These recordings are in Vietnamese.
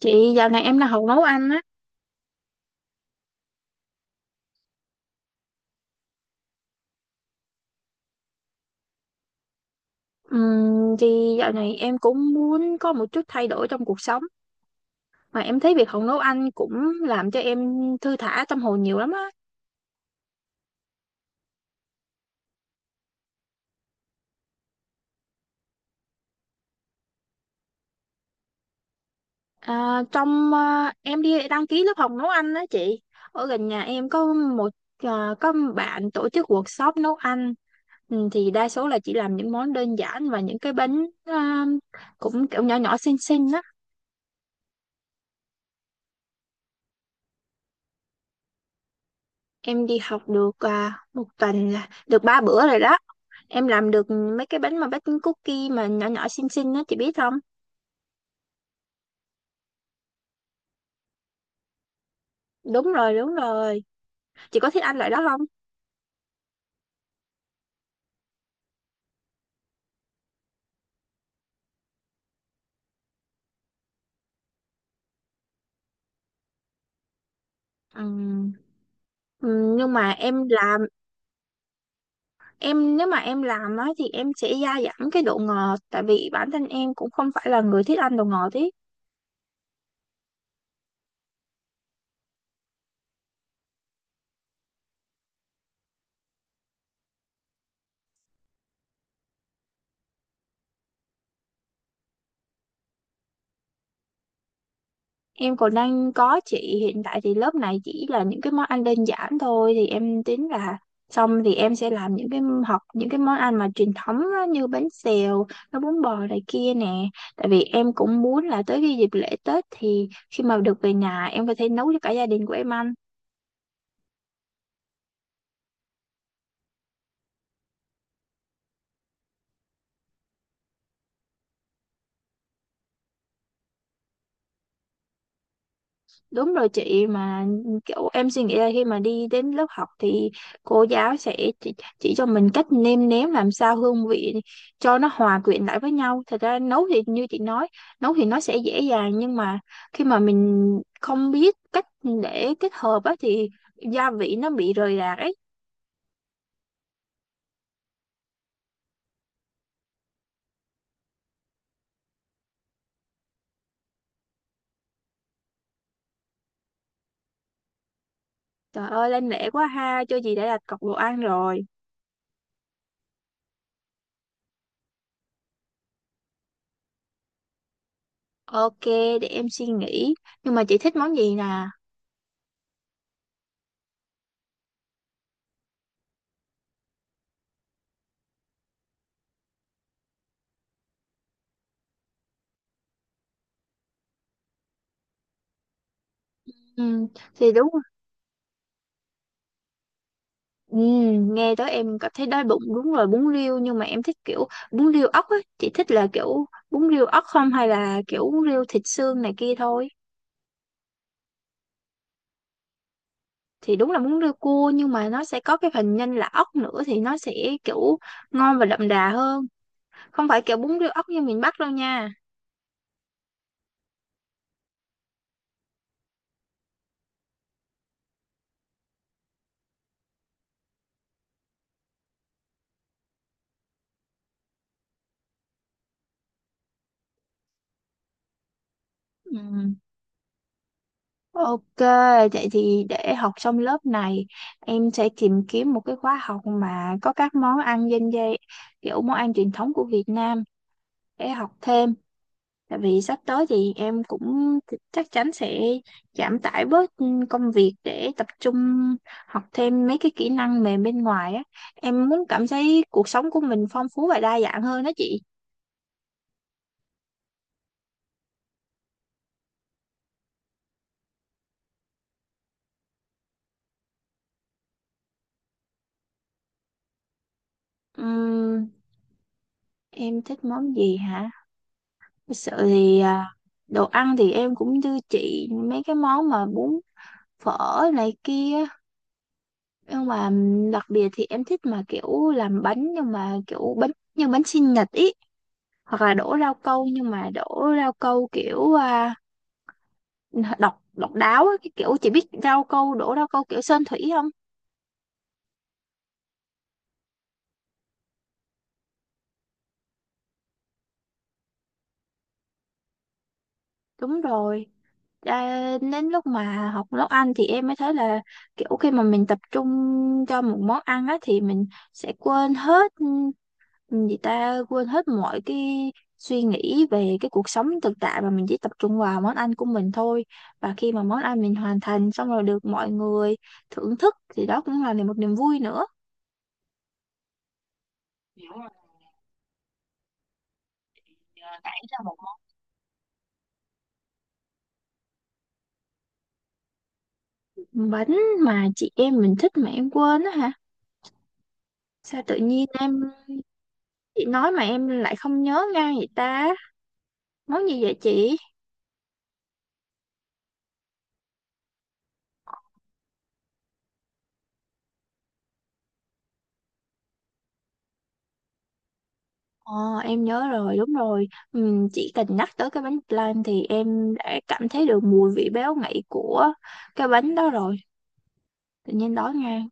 Chị, dạo này em đang học nấu ăn á. Thì dạo này em cũng muốn có một chút thay đổi trong cuộc sống, mà em thấy việc học nấu ăn cũng làm cho em thư thả tâm hồn nhiều lắm á. Em đi đăng ký lớp học nấu ăn á chị. Ở gần nhà em có bạn tổ chức workshop nấu ăn. Thì đa số là chỉ làm những món đơn giản và những cái bánh, cũng kiểu nhỏ nhỏ xinh xinh á. Em đi học được một tuần là được 3 bữa rồi đó. Em làm được mấy cái bánh mà baking cookie mà nhỏ nhỏ xinh xinh á, chị biết không? Đúng rồi, đúng rồi. Chị có thích ăn loại đó không? Ừm, nhưng mà em làm. Em nếu mà em làm á thì em sẽ gia giảm cái độ ngọt, tại vì bản thân em cũng không phải là người thích ăn đồ ngọt ý. Em còn đang có chị, hiện tại thì lớp này chỉ là những cái món ăn đơn giản thôi, thì em tính là xong thì em sẽ làm những cái học những cái món ăn mà truyền thống á, như bánh xèo, nó bún bò này kia nè. Tại vì em cũng muốn là tới cái dịp lễ Tết thì khi mà được về nhà em có thể nấu cho cả gia đình của em ăn. Đúng rồi chị, mà kiểu em suy nghĩ là khi mà đi đến lớp học thì cô giáo sẽ chỉ cho mình cách nêm nếm làm sao hương vị cho nó hòa quyện lại với nhau. Thật ra nấu thì như chị nói, nấu thì nó sẽ dễ dàng, nhưng mà khi mà mình không biết cách để kết hợp á thì gia vị nó bị rời rạc ấy. Trời ơi lên lễ quá ha, cho chị đã đặt cọc đồ ăn rồi. Ok, để em suy nghĩ. Nhưng mà chị thích món gì nè? Ừ, thì đúng. Ừ, nghe tới em cảm thấy đói bụng, đúng rồi bún riêu, nhưng mà em thích kiểu bún riêu ốc á, chị thích là kiểu bún riêu ốc không hay là kiểu bún riêu thịt xương này kia thôi? Thì đúng là bún riêu cua nhưng mà nó sẽ có cái phần nhân là ốc nữa thì nó sẽ kiểu ngon và đậm đà hơn, không phải kiểu bún riêu ốc như miền Bắc đâu nha. Ừ. Ok, vậy thì để học xong lớp này em sẽ tìm kiếm một cái khóa học mà có các món ăn dân dây, kiểu món ăn truyền thống của Việt Nam để học thêm. Tại vì sắp tới thì em cũng chắc chắn sẽ giảm tải bớt công việc để tập trung học thêm mấy cái kỹ năng mềm bên ngoài á. Em muốn cảm thấy cuộc sống của mình phong phú và đa dạng hơn đó chị. Ừm, em thích món gì hả? Thật sự thì đồ ăn thì em cũng như chị, mấy cái món mà bún phở này kia. Nhưng mà đặc biệt thì em thích mà kiểu làm bánh, nhưng mà kiểu bánh như bánh sinh nhật ý. Hoặc là đổ rau câu, nhưng mà đổ rau câu kiểu độc độc đáo á, cái kiểu chị biết rau câu đổ rau câu kiểu sơn thủy không? Đúng rồi. Đến lúc mà học nấu ăn thì em mới thấy là kiểu khi mà mình tập trung cho một món ăn á thì mình sẽ quên hết, mọi cái suy nghĩ về cái cuộc sống thực tại, mà mình chỉ tập trung vào món ăn của mình thôi. Và khi mà món ăn mình hoàn thành xong rồi được mọi người thưởng thức thì đó cũng là một niềm vui nữa. Ờ, nảy ra một món bánh mà chị em mình thích mà em quên á hả? Sao tự nhiên em, chị nói mà em lại không nhớ ngay vậy ta, món gì vậy chị? Ờ, em nhớ rồi, đúng rồi. Chị cần nhắc tới cái bánh flan thì em đã cảm thấy được mùi vị béo ngậy của cái bánh đó rồi, tự nhiên đói ngay.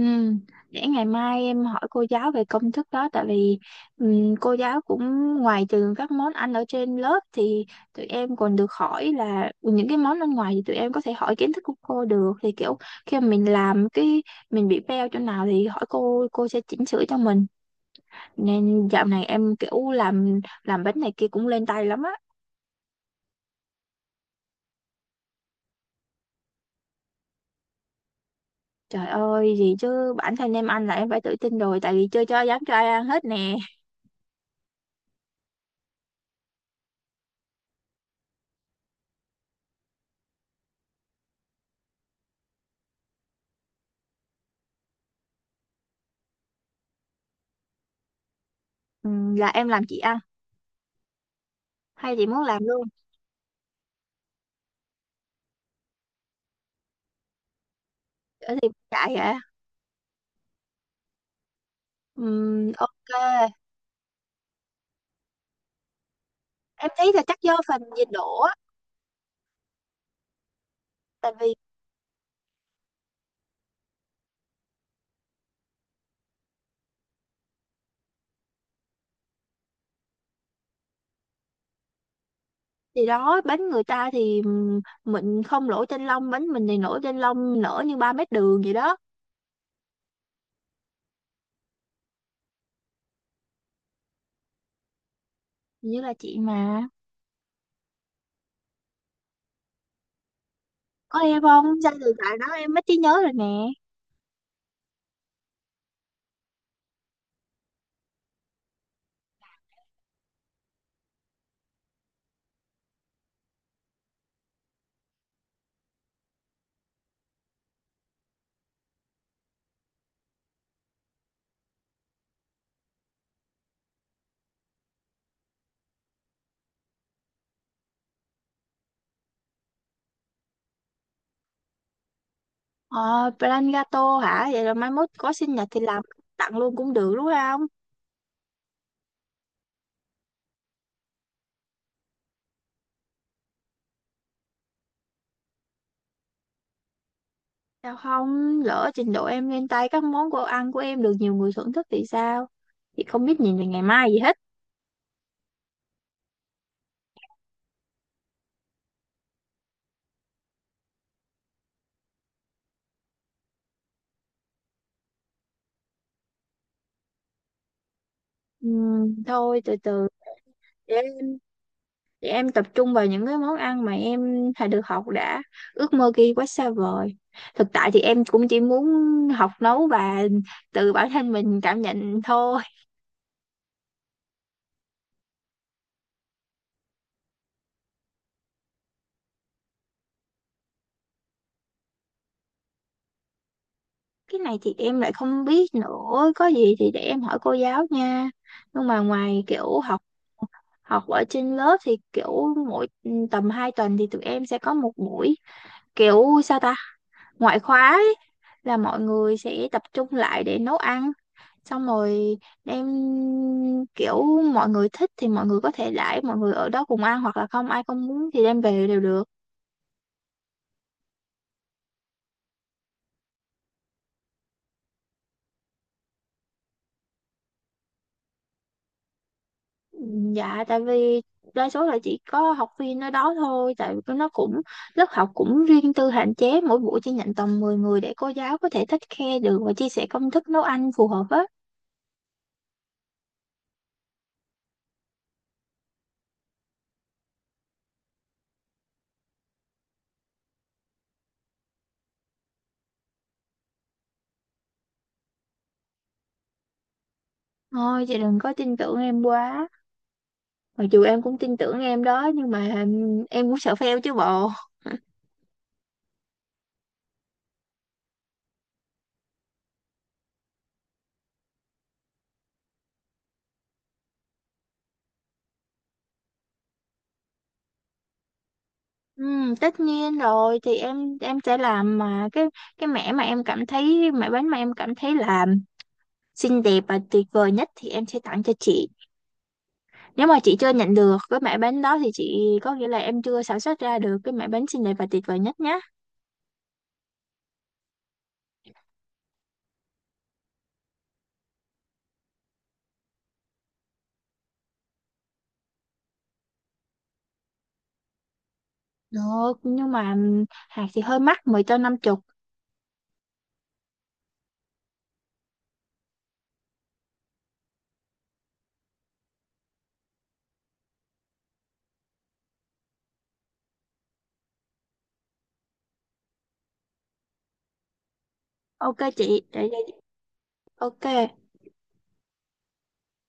Ừ, để ngày mai em hỏi cô giáo về công thức đó, tại vì cô giáo cũng ngoài trừ các món ăn ở trên lớp thì tụi em còn được hỏi là những cái món ăn ngoài thì tụi em có thể hỏi kiến thức của cô được, thì kiểu khi mà mình làm cái mình bị fail chỗ nào thì hỏi cô sẽ chỉnh sửa cho mình, nên dạo này em kiểu làm bánh này kia cũng lên tay lắm á. Trời ơi, gì chứ bản thân em ăn là em phải tự tin rồi, tại vì chưa cho dám cho ai ăn hết nè. Là em làm chị ăn hay chị muốn làm luôn? Ở thì chạy hả? Ok. Em thấy là chắc do phần nhiệt độ á. Tại vì thì đó bánh người ta thì mình không lỗ chân lông, bánh mình thì nổi trên lông nở như 3 mét đường vậy đó. Hình như là chị mà có em không sao, từ tại đó em mất trí nhớ rồi nè. Ờ plan gato hả, vậy là mai mốt có sinh nhật thì làm tặng luôn cũng được đúng không? Sao không lỡ trình độ em lên tay, các món đồ ăn của em được nhiều người thưởng thức thì sao? Chị không biết nhìn về ngày mai gì hết. Thôi từ từ, để em tập trung vào những cái món ăn mà em đã được học đã, ước mơ kia quá xa vời, thực tại thì em cũng chỉ muốn học nấu và từ bản thân mình cảm nhận thôi. Cái này thì em lại không biết nữa, có gì thì để em hỏi cô giáo nha. Nhưng mà ngoài kiểu học học ở trên lớp thì kiểu mỗi tầm 2 tuần thì tụi em sẽ có một buổi, kiểu sao ta, ngoại khóa ấy, là mọi người sẽ tập trung lại để nấu ăn xong rồi đem, kiểu mọi người thích thì mọi người có thể đãi mọi người ở đó cùng ăn, hoặc là không ai không muốn thì đem về đều được. Dạ, tại vì đa số là chỉ có học viên ở đó thôi, tại vì nó cũng lớp học cũng riêng tư, hạn chế mỗi buổi chỉ nhận tầm 10 người để cô giáo có thể take care được và chia sẻ công thức nấu ăn phù hợp á. Thôi chị đừng có tin tưởng em quá, mặc dù em cũng tin tưởng em đó nhưng mà em cũng sợ fail chứ bộ. Ừ, tất nhiên rồi, thì em sẽ làm mà cái mẻ mà em cảm thấy mẻ bánh mà em cảm thấy là xinh đẹp và tuyệt vời nhất thì em sẽ tặng cho chị. Nếu mà chị chưa nhận được cái mẻ bánh đó thì chị có nghĩa là em chưa sản xuất ra được cái mẻ bánh xinh đẹp và tuyệt vời nhất nhé. Được, nhưng mà hạt thì hơi mắc, mười cho năm chục. Ok chị, để ok.